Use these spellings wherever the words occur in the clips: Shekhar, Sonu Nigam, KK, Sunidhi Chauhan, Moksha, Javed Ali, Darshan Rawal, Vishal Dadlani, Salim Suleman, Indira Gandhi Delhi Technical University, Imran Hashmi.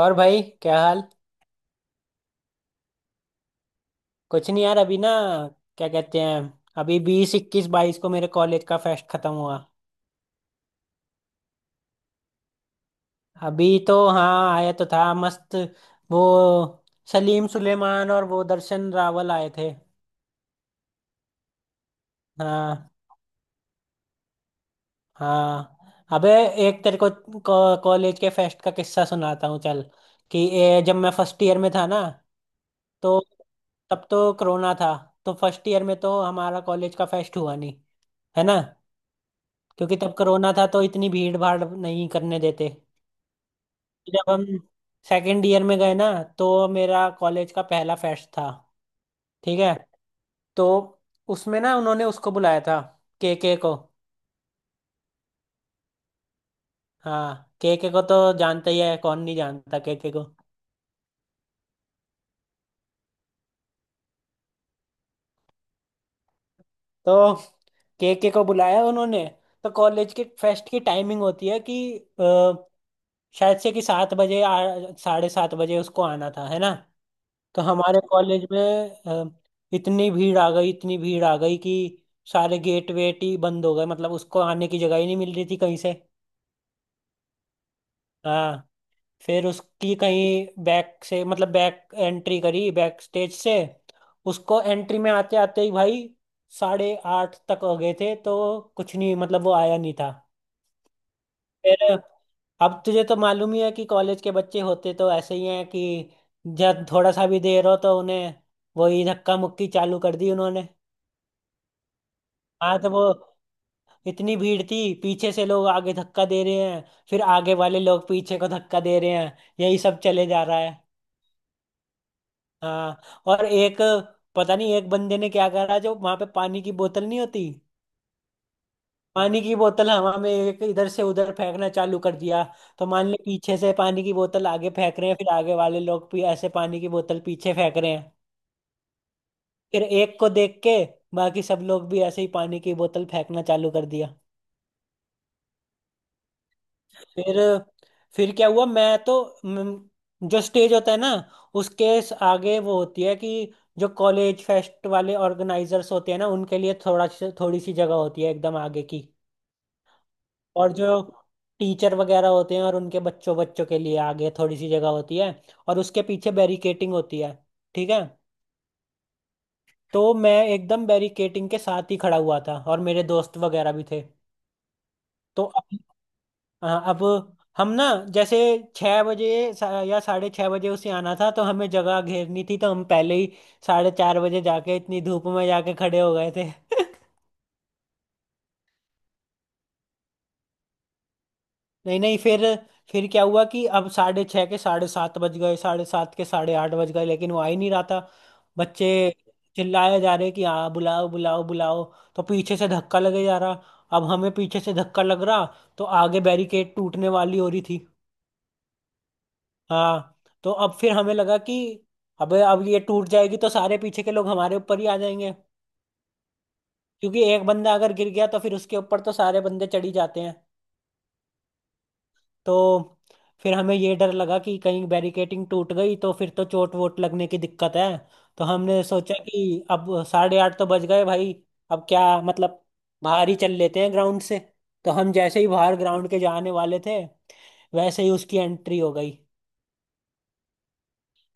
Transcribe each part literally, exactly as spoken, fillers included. और भाई, क्या हाल? कुछ नहीं यार, अभी ना क्या कहते हैं, अभी बीस, इक्कीस, बाईस को मेरे कॉलेज का फेस्ट खत्म हुआ। अभी तो हाँ, आया तो था मस्त। वो सलीम सुलेमान और वो दर्शन रावल आए थे। हाँ। हाँ। अबे, एक तेरे को को- कॉलेज के फेस्ट का किस्सा सुनाता हूँ, चल। कि ए, जब मैं फर्स्ट ईयर में था ना, तो तब तो कोरोना था। तो फर्स्ट ईयर में तो हमारा कॉलेज का फेस्ट हुआ नहीं, है ना, क्योंकि तब कोरोना था तो इतनी भीड़ भाड़ नहीं करने देते। जब हम सेकेंड ईयर में गए ना, तो मेरा कॉलेज का पहला फेस्ट था। ठीक है। तो उसमें ना उन्होंने उसको बुलाया था, के के को। हाँ, के के को तो जानता ही है, कौन नहीं जानता के के को। तो के के को बुलाया उन्होंने। तो कॉलेज के फेस्ट की टाइमिंग होती है कि शायद से कि सात बजे आ- साढ़े सात बजे उसको आना था, है ना। तो हमारे कॉलेज में अ, इतनी भीड़ आ गई, इतनी भीड़ आ गई कि सारे गेट वेट ही बंद हो गए, मतलब उसको आने की जगह ही नहीं मिल रही थी कहीं से। हाँ। फिर उसकी कहीं बैक से मतलब बैक एंट्री करी, बैक स्टेज से। उसको एंट्री में आते आते ही भाई साढ़े आठ तक हो गए थे, तो कुछ नहीं, मतलब वो आया नहीं था। फिर अब तुझे तो मालूम ही है कि कॉलेज के बच्चे होते तो ऐसे ही हैं कि जब थोड़ा सा भी देर हो तो उन्हें वही धक्का मुक्की चालू कर दी उन्होंने। हाँ तो वो इतनी भीड़ थी, पीछे से लोग आगे धक्का दे रहे हैं, फिर आगे वाले लोग पीछे को धक्का दे रहे हैं, यही सब चले जा रहा है। हाँ, और एक, पता नहीं एक बंदे ने क्या करा, जो वहां पे पानी की बोतल नहीं होती, पानी की बोतल हवा में एक इधर से उधर फेंकना चालू कर दिया। तो मान ले पीछे से पानी की बोतल आगे फेंक रहे हैं, फिर आगे वाले लोग भी ऐसे पानी की बोतल पीछे फेंक रहे हैं। फिर एक को देख के बाकी सब लोग भी ऐसे ही पानी की बोतल फेंकना चालू कर दिया। फिर फिर क्या हुआ, मैं तो म, जो स्टेज होता है ना, उसके स- आगे वो होती है कि जो कॉलेज फेस्ट वाले ऑर्गेनाइजर्स होते हैं ना, उनके लिए थोड़ा सी- थोड़ी सी जगह होती है एकदम आगे की। और जो टीचर वगैरह होते हैं और उनके बच्चों बच्चों के लिए आगे थोड़ी सी जगह होती है, और उसके पीछे बैरिकेटिंग होती है। ठीक है। तो मैं एकदम बैरिकेटिंग के साथ ही खड़ा हुआ था, और मेरे दोस्त वगैरह भी थे। तो अब हाँ, अब हम ना जैसे छः बजे, सा- या साढ़े छः बजे उसे आना था, तो हमें जगह घेरनी थी, तो हम पहले ही साढ़े चार बजे जाके इतनी धूप में जाके खड़े हो गए थे। नहीं नहीं, फिर फिर क्या हुआ कि अब साढ़े छः के साढ़े सात बज गए, साढ़े सात के साढ़े आठ बज गए, लेकिन वो आ ही नहीं रहा था। बच्चे चिल्लाए जा रहे कि हाँ, बुलाओ बुलाओ बुलाओ। तो पीछे से धक्का लगे जा रहा। अब हमें पीछे से धक्का लग रहा, तो आगे बैरिकेड टूटने वाली हो रही थी। हाँ। तो अब फिर हमें लगा कि अबे, अब ये टूट जाएगी तो सारे पीछे के लोग हमारे ऊपर ही आ जाएंगे, क्योंकि एक बंदा अगर गिर गया तो फिर उसके ऊपर तो सारे बंदे चढ़ ही जाते हैं। तो फिर हमें ये डर लगा कि कहीं बैरिकेटिंग टूट गई तो फिर तो चोट वोट लगने की दिक्कत है। तो हमने सोचा कि अब साढ़े आठ तो बज गए भाई, अब क्या मतलब, बाहर ही चल लेते हैं ग्राउंड से। तो हम जैसे ही बाहर ग्राउंड के जाने वाले थे, वैसे ही उसकी एंट्री हो गई।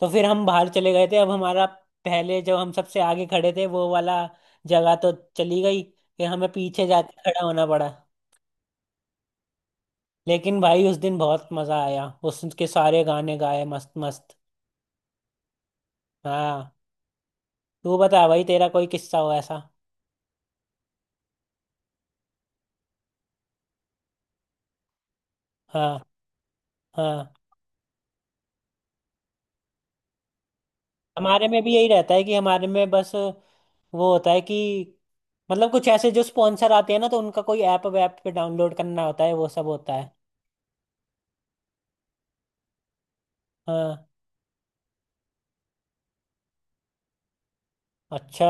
तो फिर हम बाहर चले गए थे। अब हमारा पहले जो हम सबसे आगे खड़े थे वो वाला जगह तो चली गई, फिर हमें पीछे जाके खड़ा होना पड़ा। लेकिन भाई उस दिन बहुत मजा आया, उसके सारे गाने गाए मस्त मस्त। हाँ। तू बता भाई, तेरा कोई किस्सा हो ऐसा? हाँ। हाँ। हमारे में भी यही रहता है कि हमारे में बस वो होता है कि मतलब कुछ ऐसे जो स्पॉन्सर आते हैं ना, तो उनका कोई ऐप वैप पे डाउनलोड करना होता है, वो सब होता है। हाँ। अच्छा।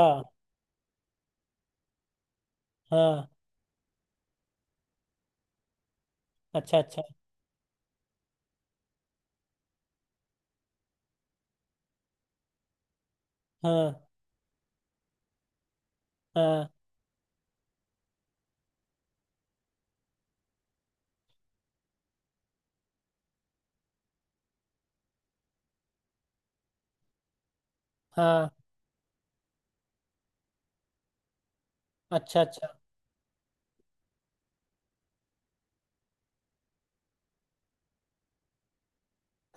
हाँ। अच्छा अच्छा। हाँ हाँ हाँ। अच्छा अच्छा।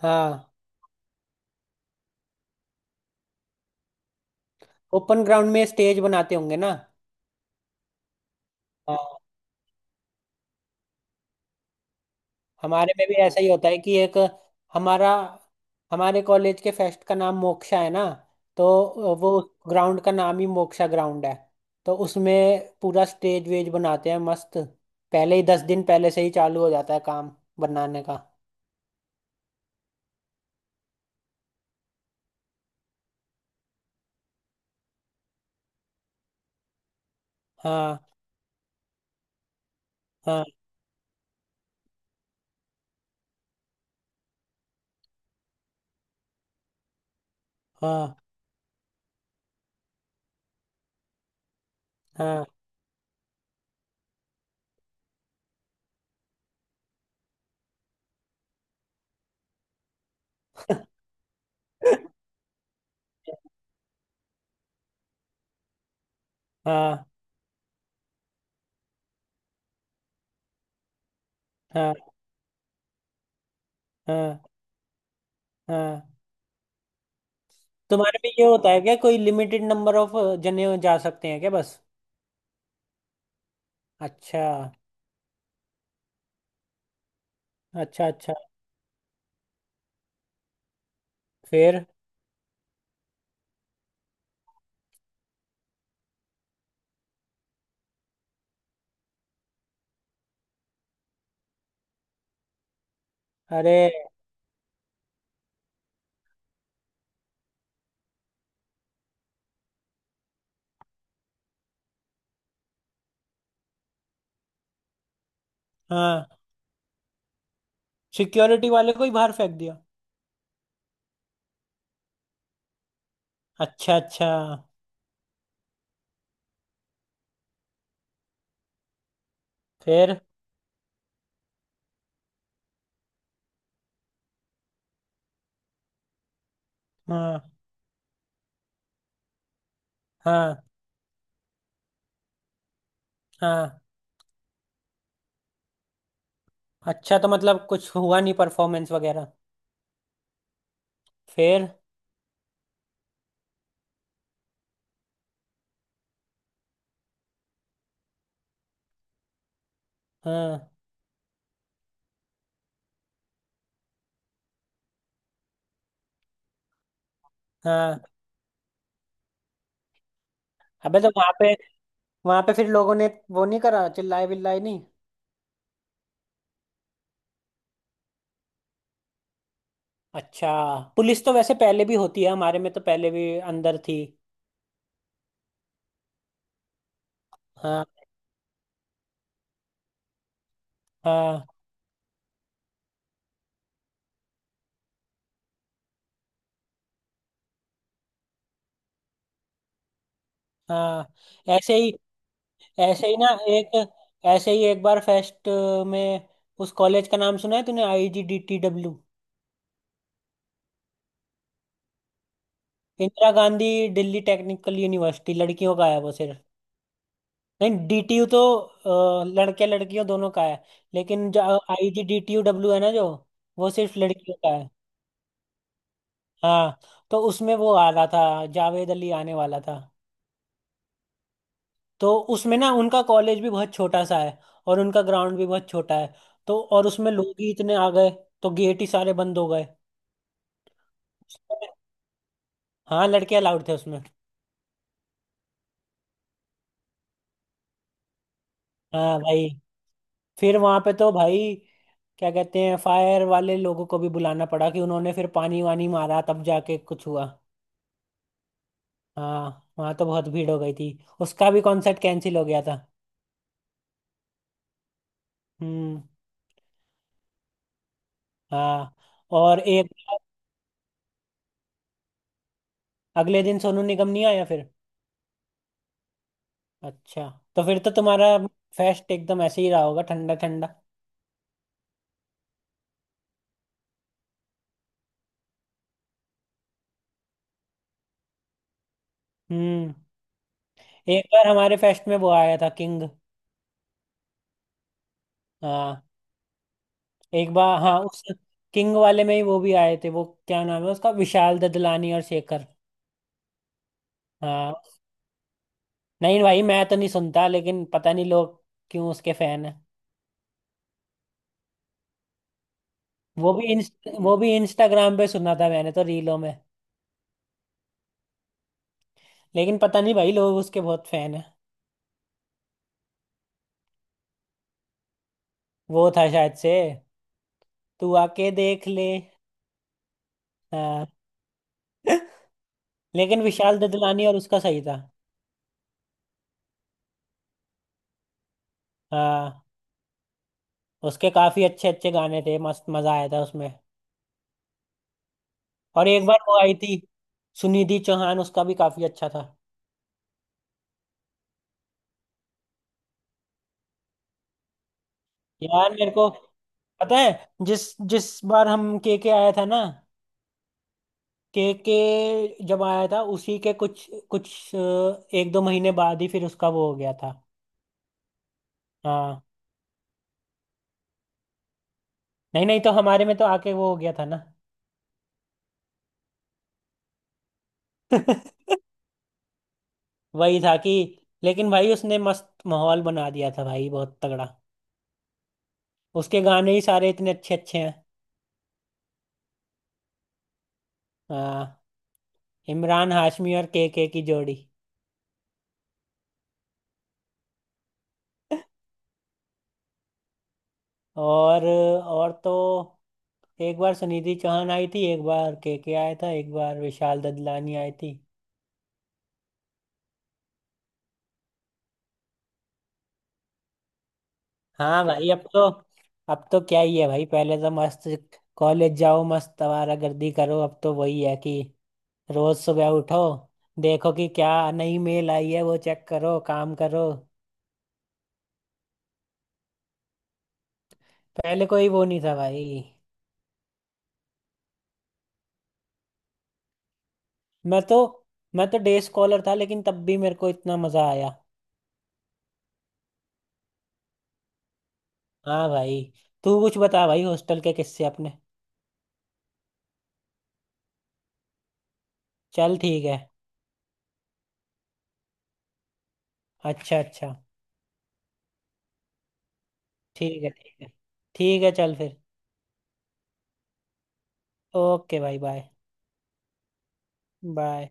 हाँ। ओपन ग्राउंड में स्टेज बनाते होंगे ना। हाँ। हमारे में भी ऐसा ही होता है कि एक हमारा, हमारे कॉलेज के फेस्ट का नाम मोक्षा है ना, तो वो ग्राउंड का नाम ही मोक्षा ग्राउंड है। तो उसमें पूरा स्टेज वेज बनाते हैं मस्त। पहले ही दस दिन पहले से ही चालू हो जाता है काम बनाने का। हाँ हाँ हाँ हाँ। हाँ हाँ हाँ हाँ। तुम्हारे में ये होता है क्या, कोई लिमिटेड नंबर ऑफ जने जा सकते हैं क्या बस? अच्छा। अच्छा। अच्छा। फिर? अरे! हाँ, सिक्योरिटी वाले को ही बाहर फेंक दिया। अच्छा अच्छा। फिर? हाँ हाँ हाँ। अच्छा, तो मतलब कुछ हुआ नहीं परफॉर्मेंस वगैरह। फिर? हाँ। हाँ। अबे, तो वहां पे वहां पे फिर लोगों ने वो नहीं करा, चिल्लाए बिल्लाए नहीं? अच्छा। पुलिस तो वैसे पहले भी होती है, हमारे में तो पहले भी अंदर थी। हाँ हाँ हाँ। ऐसे ही, ऐसे ही ना, एक, ऐसे ही एक बार फेस्ट में, उस कॉलेज का नाम सुना है तूने, I G D T W? Indira Gandhi Delhi technical university, लड़कियों का है वो सिर्फ। नहीं, डी टी यू तो अ, लड़के लड़कियों दोनों का है। लेकिन जो आई G D T U W है ना, जो, वो सिर्फ लड़कियों का है। हाँ। तो उसमें वो आ रहा था, जावेद अली आने वाला था। तो उसमें ना उनका कॉलेज भी बहुत छोटा सा है और उनका ग्राउंड भी बहुत छोटा है। तो और उसमें लोग ही इतने आ गए तो गेट ही सारे बंद हो गए। हाँ, लड़के अलाउड थे उसमें। हाँ भाई, फिर वहां पे तो भाई क्या कहते हैं, फायर वाले लोगों को भी बुलाना पड़ा कि उन्होंने फिर पानी वानी मारा, तब जाके कुछ हुआ। हाँ, वहां तो बहुत भीड़ हो गई थी। उसका भी कॉन्सर्ट कैंसिल हो गया था। हम्म। हाँ, और एक अगले दिन सोनू निगम नहीं आया फिर? अच्छा। तो फिर तो तुम्हारा फेस्ट एकदम ऐसे ही रहा होगा, ठंडा ठंडा। हम्म। एक बार हमारे फेस्ट में वो आया था, किंग। हाँ। एक बार, हाँ, उस किंग वाले में ही वो भी आए थे, वो क्या नाम है उसका, विशाल ददलानी और शेखर। हाँ। नहीं भाई, मैं तो नहीं सुनता, लेकिन पता नहीं लोग क्यों उसके फैन है। वो भी इंस्ट वो भी इंस्टाग्राम पे सुना था मैंने तो, रीलों में। लेकिन पता नहीं भाई लोग उसके बहुत फैन है। वो था शायद से तू आके देख ले। हाँ। लेकिन विशाल ददलानी और उसका सही था। हाँ, उसके काफी अच्छे अच्छे गाने थे, मस्त मजा आया था उसमें। और एक बार वो आई थी सुनिधि चौहान, उसका भी काफी अच्छा था। यार मेरे को पता है, जिस जिस बार हम के के आया था ना, के के जब आया था, उसी के कुछ कुछ अ, एक दो महीने बाद ही फिर उसका वो हो गया था। हाँ। नहीं नहीं, तो हमारे में तो आके वो हो गया था ना। वही था कि, लेकिन भाई उसने मस्त माहौल बना दिया था भाई, बहुत तगड़ा। उसके गाने ही सारे इतने अच्छे अच्छे हैं। हाँ। इमरान हाशमी और के के की जोड़ी। और और तो एक बार सुनिधि चौहान आई थी, एक बार के के आया था, एक बार विशाल ददलानी आई थी। हाँ भाई, अब तो, अब तो क्या ही है भाई, पहले तो मस्त कॉलेज जाओ, मस्त आवारा गर्दी करो, अब तो वही है कि रोज सुबह उठो, देखो कि क्या नई मेल आई है, वो चेक करो, काम करो, पहले कोई वो नहीं था भाई। मैं तो मैं तो डे स्कॉलर था, लेकिन तब भी मेरे को इतना मजा आया। हाँ भाई, तू कुछ बता भाई हॉस्टल के किस्से अपने। चल ठीक है। अच्छा अच्छा। ठीक है ठीक है। ठीक है, चल फिर। ओके भाई, बाय बाय।